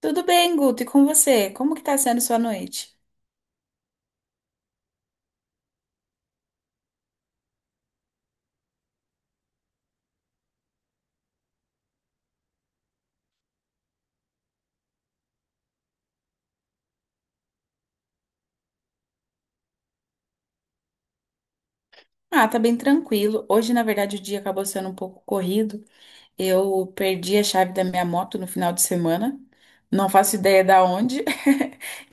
Tudo bem, Guto? E com você? Como que tá sendo sua noite? Ah, tá bem tranquilo. Hoje, na verdade, o dia acabou sendo um pouco corrido. Eu perdi a chave da minha moto no final de semana. Não faço ideia da onde.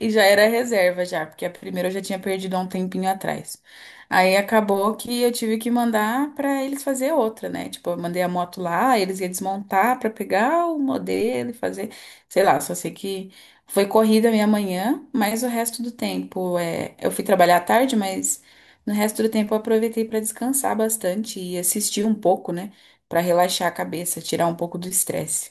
E já era reserva já, porque a primeira eu já tinha perdido há um tempinho atrás. Aí acabou que eu tive que mandar pra eles fazer outra, né? Tipo, eu mandei a moto lá, eles iam desmontar pra pegar o modelo e fazer, sei lá, só sei que foi corrida a minha manhã, mas o resto do tempo eu fui trabalhar à tarde, mas no resto do tempo eu aproveitei pra descansar bastante e assistir um pouco, né? Para relaxar a cabeça, tirar um pouco do estresse.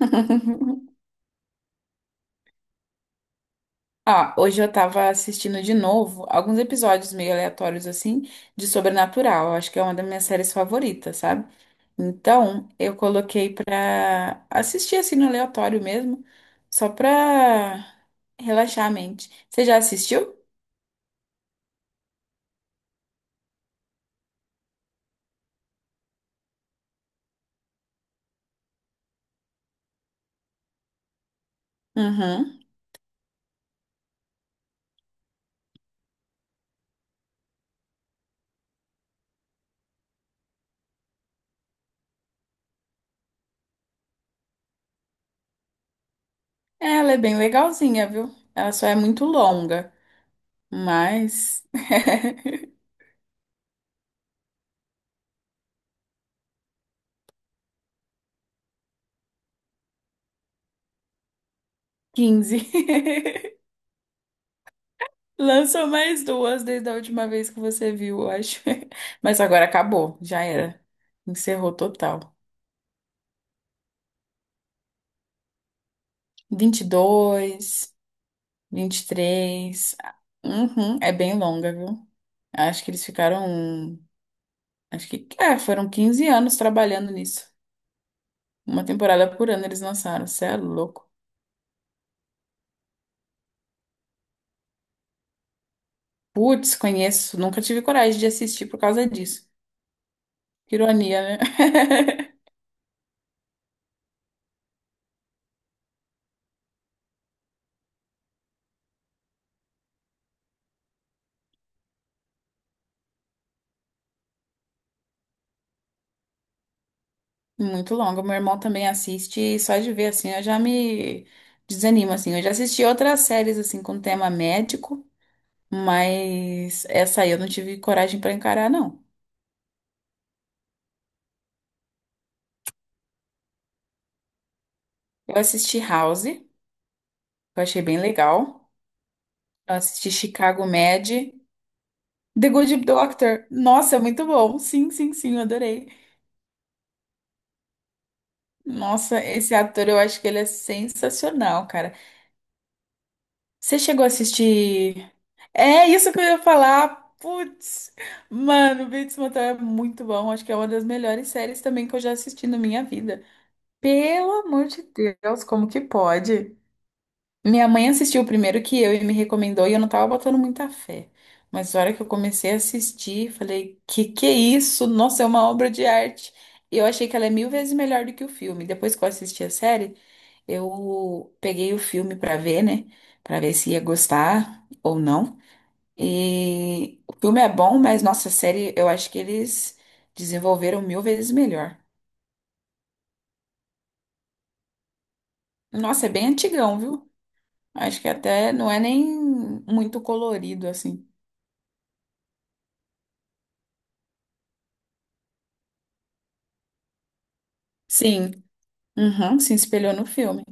Ah, hoje eu tava assistindo de novo alguns episódios meio aleatórios assim de Sobrenatural. Eu acho que é uma das minhas séries favoritas, sabe? Então, eu coloquei pra assistir assim no aleatório mesmo, só pra relaxar a mente. Você já assistiu? Uhum. É, ela é bem legalzinha, viu? Ela só é muito longa, mas 15. Lançou mais duas desde a última vez que você viu, eu acho. Mas agora acabou, já era. Encerrou total. 22, 23. Uhum, é bem longa, viu? Acho que eles ficaram. Um, Acho que foram 15 anos trabalhando nisso. Uma temporada por ano eles lançaram. Você é louco. Putz, conheço. Nunca tive coragem de assistir por causa disso. Ironia, né? Muito longo. Meu irmão também assiste e só de ver assim eu já me desanimo assim. Eu já assisti outras séries assim com tema médico, mas essa aí eu não tive coragem pra encarar não. Eu assisti House, que eu achei bem legal. Eu assisti Chicago Med, The Good Doctor. Nossa, é muito bom. Sim, sim, sim, eu adorei. Nossa, esse ator eu acho que ele é sensacional, cara. Você chegou a assistir é isso que eu ia falar. Putz, mano, Bates Motel é muito bom. Acho que é uma das melhores séries também que eu já assisti na minha vida. Pelo amor de Deus, como que pode? Minha mãe assistiu o primeiro que eu e me recomendou e eu não tava botando muita fé. Mas na hora que eu comecei a assistir, falei, que é isso? Nossa, é uma obra de arte. E eu achei que ela é mil vezes melhor do que o filme. Depois que eu assisti a série, eu peguei o filme pra ver, né? Pra ver se ia gostar ou não. E o filme é bom, mas nossa, a série eu acho que eles desenvolveram mil vezes melhor. Nossa, é bem antigão, viu? Acho que até não é nem muito colorido assim. Sim, uhum, se espelhou no filme.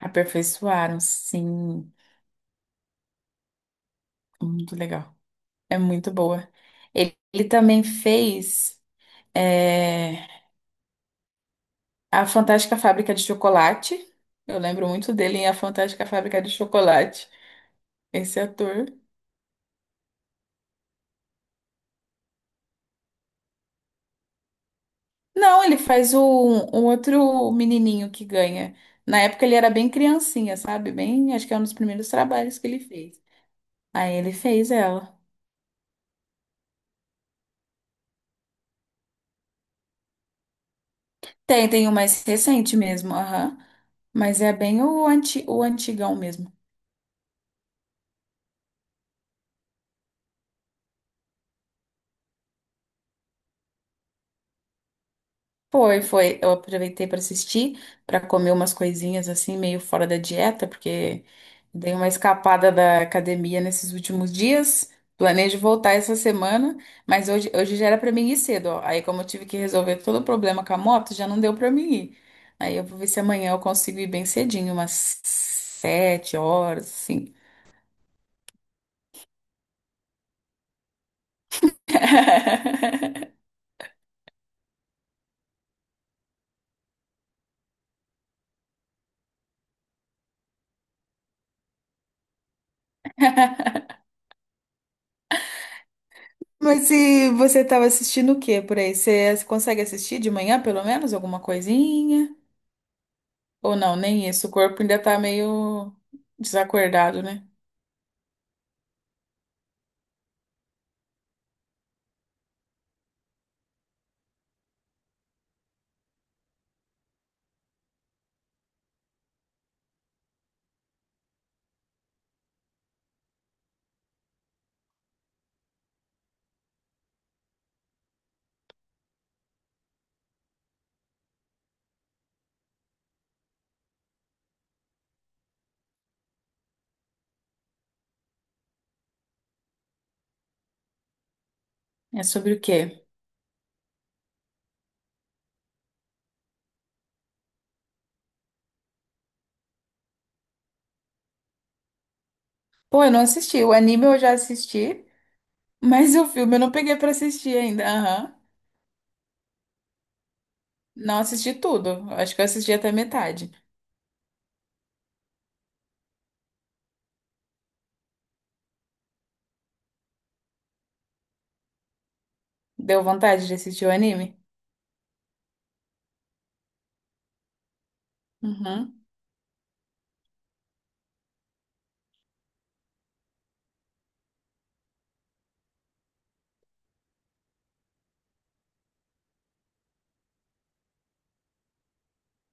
Aperfeiçoaram, sim. Muito legal. É muito boa. Ele também fez é, A Fantástica Fábrica de Chocolate. Eu lembro muito dele em A Fantástica Fábrica de Chocolate, esse ator. Não, ele faz o, um outro menininho que ganha. Na época ele era bem criancinha, sabe? Bem, acho que é um dos primeiros trabalhos que ele fez. Aí ele fez ela. Tem, tem um mais recente mesmo, aham. Mas é bem o, anti, o antigão mesmo. Foi, foi. Eu aproveitei para assistir, para comer umas coisinhas assim, meio fora da dieta, porque dei uma escapada da academia nesses últimos dias. Planejo voltar essa semana, mas hoje, hoje já era para mim ir cedo, ó. Aí, como eu tive que resolver todo o problema com a moto, já não deu para mim ir. Aí, eu vou ver se amanhã eu consigo ir bem cedinho, umas 7 horas, assim. Mas se você estava assistindo o quê por aí? Você consegue assistir de manhã, pelo menos, alguma coisinha? Ou não, nem isso. O corpo ainda tá meio desacordado, né? É sobre o quê? Pô, eu não assisti. O anime eu já assisti, mas o filme eu não peguei pra assistir ainda. Aham. Não assisti tudo. Acho que eu assisti até metade. Deu vontade de assistir o anime? Uhum.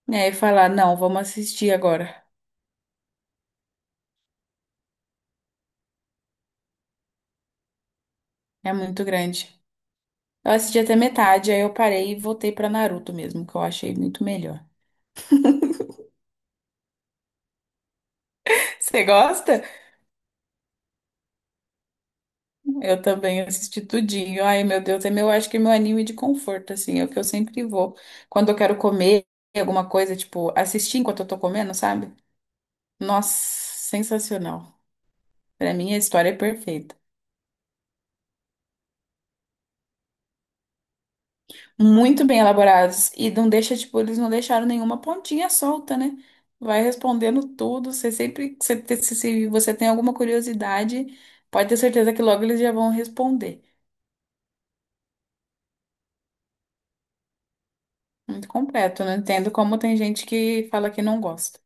E aí falar, não, vamos assistir agora. É muito grande. Eu assisti até metade, aí eu parei e voltei pra Naruto mesmo, que eu achei muito melhor. Você gosta? Eu também assisti tudinho. Ai, meu Deus, é meu, acho que é meu anime de conforto, assim, é o que eu sempre vou. Quando eu quero comer alguma coisa, tipo, assistir enquanto eu tô comendo, sabe? Nossa, sensacional. Pra mim, a história é perfeita. Muito bem elaborados. E não deixa, tipo, eles não deixaram nenhuma pontinha solta, né? Vai respondendo tudo. Você sempre, você te- se você tem alguma curiosidade, pode ter certeza que logo eles já vão responder. Muito completo. Não entendo como tem gente que fala que não gosta.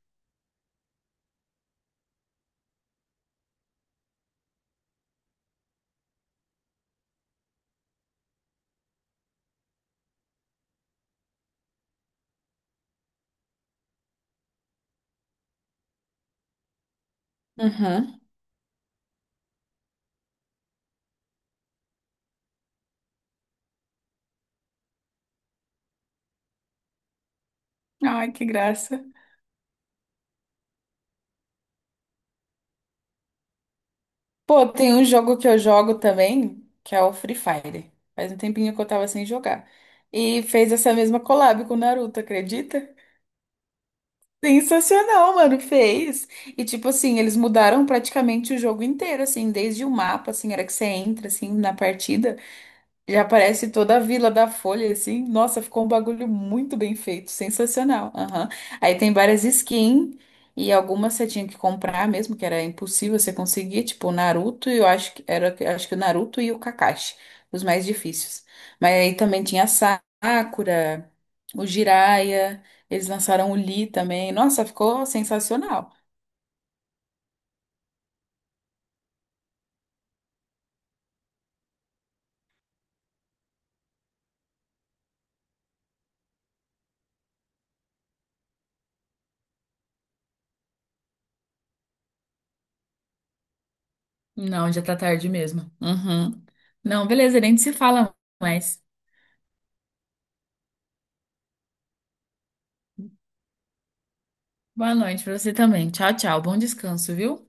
Uhum. Ai, que graça. Pô, tem um jogo que eu jogo também, que é o Free Fire. Faz um tempinho que eu tava sem jogar. E fez essa mesma collab com o Naruto, acredita? Sensacional, mano, fez. E tipo assim, eles mudaram praticamente o jogo inteiro, assim, desde o mapa, assim, era que você entra assim na partida. E aparece toda a Vila da Folha, assim. Nossa, ficou um bagulho muito bem feito, sensacional. Aham. Aí tem várias skins e algumas você tinha que comprar mesmo, que era impossível você conseguir, tipo o Naruto e eu acho que era, acho que o Naruto e o Kakashi, os mais difíceis. Mas aí também tinha a Sakura, o Jiraiya, eles lançaram o Lee também. Nossa, ficou sensacional. Não, já tá tarde mesmo. Uhum. Não, beleza, nem se fala mais. Boa noite pra você também. Tchau, tchau. Bom descanso, viu?